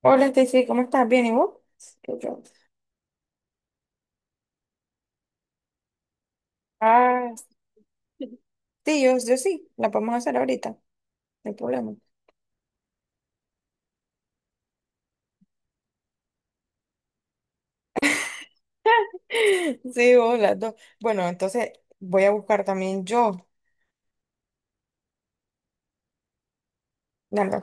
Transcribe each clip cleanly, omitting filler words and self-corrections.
Hola, Stacy, ¿cómo estás? ¿Bien? ¿Y vos? Y yo, Ah, sí, yo sí, la podemos hacer ahorita, no hay problema. Sí, vos, las dos. Bueno, entonces voy a buscar también yo. Dale.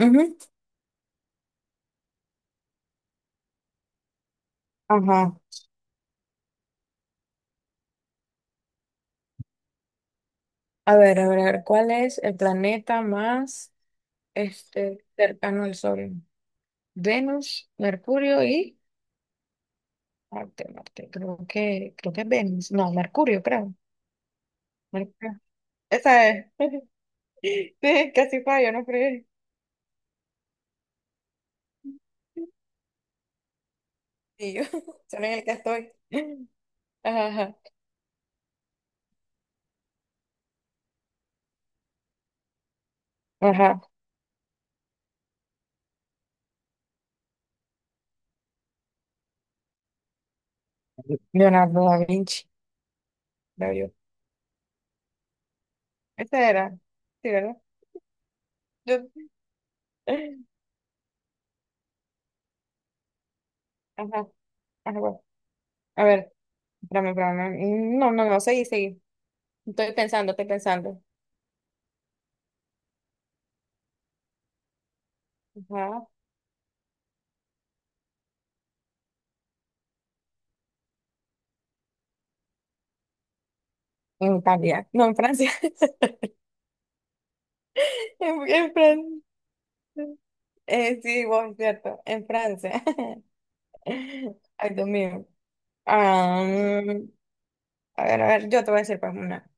Ujú. Ajá. A ver, ¿cuál es el planeta más cercano al Sol? Venus, Mercurio y Marte, Marte. Creo que es Venus. No, Mercurio, creo. Mercurio. Esa es. Sí, casi fallo, no fregué. Y yo, solo en el que estoy. Ajá, ajá. Ajá. Leonardo da Vinci. La vio. Esta era. Sí, ¿verdad? Yo- Ajá. Ajá, bueno. A ver, espérame, espérame. No, no, no, seguí, seguí. Estoy pensando, estoy pensando. Ajá. En Italia. No, en Francia. En Fran- sí, vos, es cierto. En Francia. Ay, Dios mío. Ah, a ver, yo te voy a decir pues una.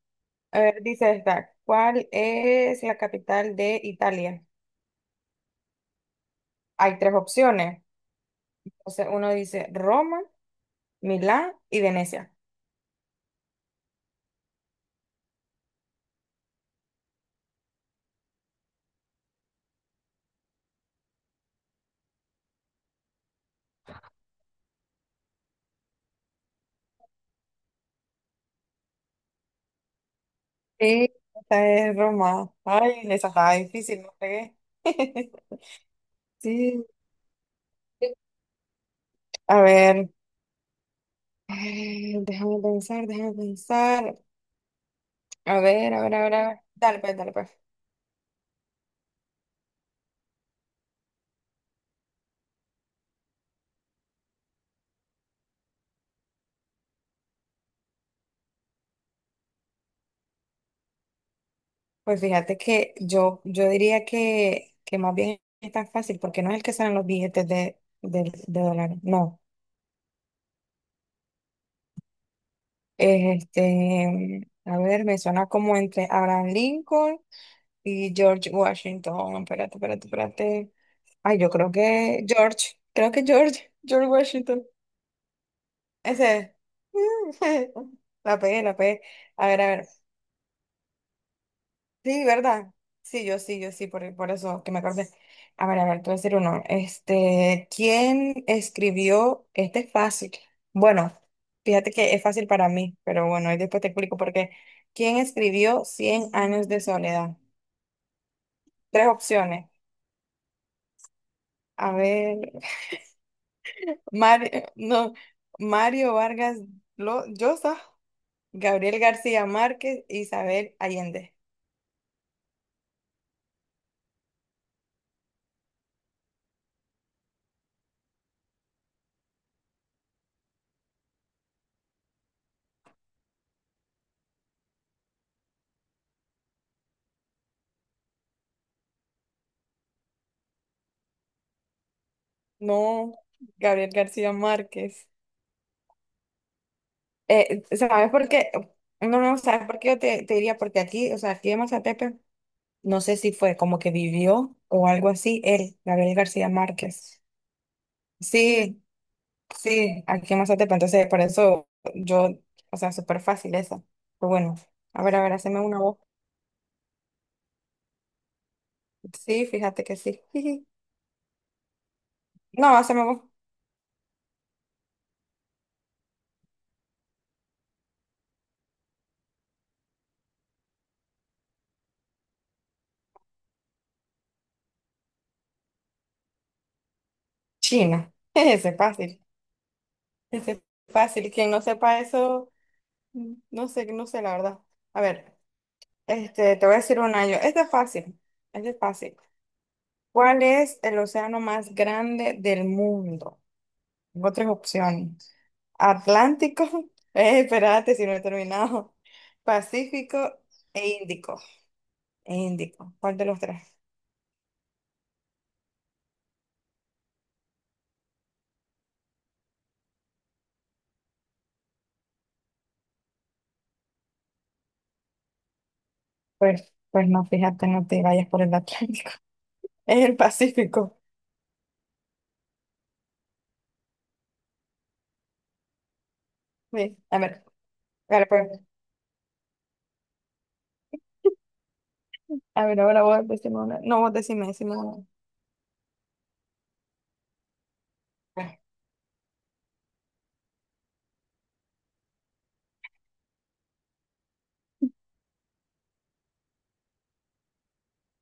A ver, dice esta, ¿cuál es la capital de Italia? Hay tres opciones. Entonces uno dice Roma, Milán y Venecia. Sí, esta es Roma. Ay, esa estaba difícil, no pegué. sí. A ver, déjame pensar, déjame pensar. A ver. Dale, pues, dale, pues. Pues fíjate que yo diría que más bien es tan fácil porque no es el que salen los billetes de dólares. No. A ver, me suena como entre Abraham Lincoln y George Washington. Espérate, espérate, espérate. Ay, yo creo que George Washington. Ese es. La pegué, la pegué. A ver, a ver. Sí, ¿verdad? Sí, yo sí, por eso que me acordé. A ver, te voy a decir uno. ¿Quién escribió? Este es fácil. Bueno, fíjate que es fácil para mí, pero bueno, ahí después te explico por qué. ¿Quién escribió Cien años de soledad? Tres opciones. A ver, Mario, no, Mario Vargas Llosa, Gabriel García Márquez, Isabel Allende. No, Gabriel García Márquez. ¿Sabes por qué? No, no, ¿sabes por qué yo te diría? Porque aquí, o sea, aquí en Mazatepe, no sé si fue como que vivió o algo así, él, Gabriel García Márquez. Sí, sí, aquí en Mazatepe, entonces por eso yo, o sea, súper fácil esa. Pero bueno, a ver, haceme una voz. Sí, fíjate que sí. No, haceme voz. China. Ese es fácil, ese es fácil. Quien no sepa eso, no sé, no sé la verdad. A ver. Te voy a decir un año este es fácil, esta es fácil. ¿Cuál es el océano más grande del mundo? Tengo tres opciones. Atlántico, espérate si no he terminado. Pacífico e Índico. E Índico. ¿Cuál de los tres? Pues, pues no, fíjate, no te vayas por el Atlántico. Es el Pacífico. Sí, a ver, pues, a ver, ahora vos decime una. No, vos decime, decime una.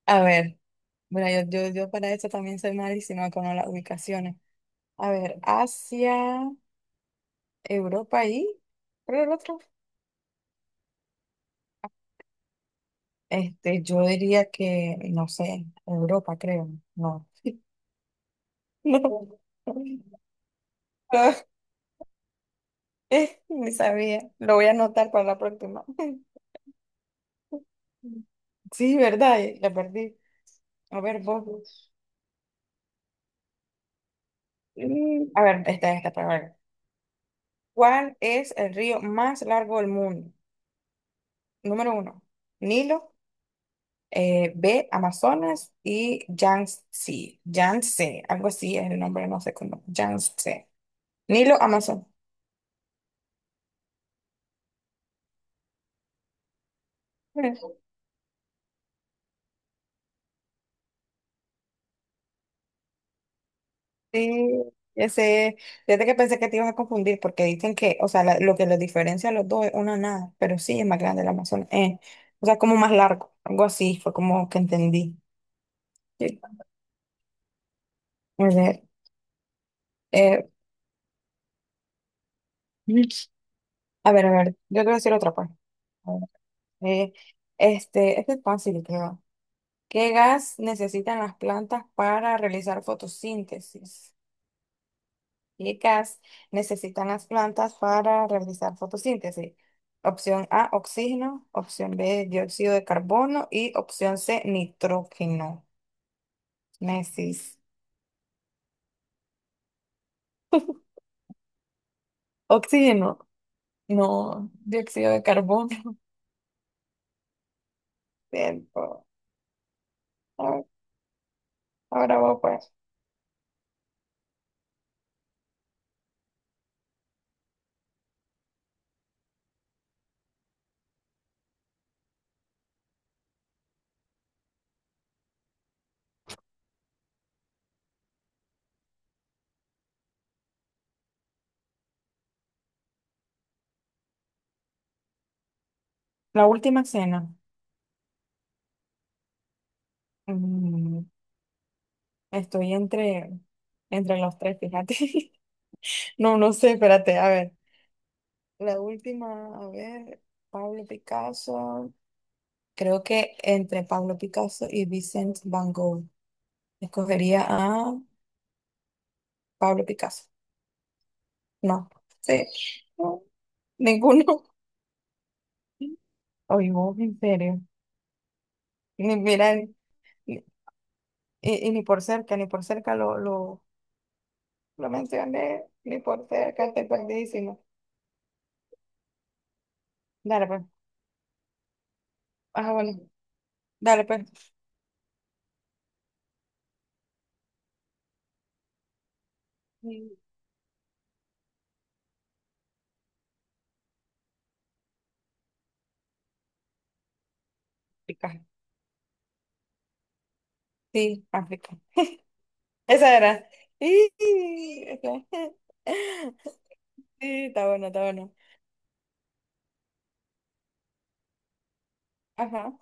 A ver, mira, yo para esto también soy malísima con las ubicaciones. A ver, Asia, Europa y, creo el otro. Yo diría que, no sé, Europa, creo. No. No. Ni sabía. Lo voy a anotar para la próxima. Sí, ¿verdad? La perdí. A ver, vos. A ver, esta, para ver. ¿Cuál es el río más largo del mundo? Número uno, Nilo. B, Amazonas y Yangtze, Yangtze, algo así es el nombre, no sé cómo, Yangtze, Nilo, Amazonas. Sí, ese, fíjate que pensé que te ibas a confundir porque dicen que, o sea, lo que los diferencia a los dos es una nada, pero sí es más grande el Amazonas, o sea, como más largo, algo así, fue como que entendí. Sí. A ver, eh, a ver, a ver, yo te voy a decir otra parte. A ver, eh, este es fácil, creo. ¿Qué gas necesitan las plantas para realizar fotosíntesis? ¿Qué gas necesitan las plantas para realizar fotosíntesis? Opción A, oxígeno. Opción B, dióxido de carbono. Y opción C, nitrógeno. Necis. Oxígeno. No, dióxido de carbono. Cierto. Ah, Ahora vos, pues. La última cena. Mm, estoy entre, entre los tres, fíjate. No, no sé, espérate, a ver. La última, a ver, Pablo Picasso. Creo que entre Pablo Picasso y Vincent Van Gogh. Escogería a Pablo Picasso. No, sí, no, ninguno. Oye, vos, en serio. Ni, mira, ni- ni- y ni por cerca, ni por cerca lo mencioné, ni por cerca, estoy perdidísimo. Dale, pues. Bueno, dale, pues. Mm, África. Sí, África. Esa era. Y, Sí, está bueno, está bueno. Ajá.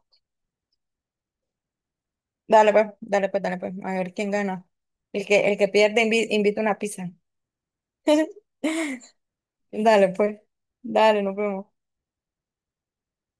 Dale pues, dale pues, dale pues. A ver quién gana. El que pierde invita una pizza. Dale pues. Dale, nos vemos.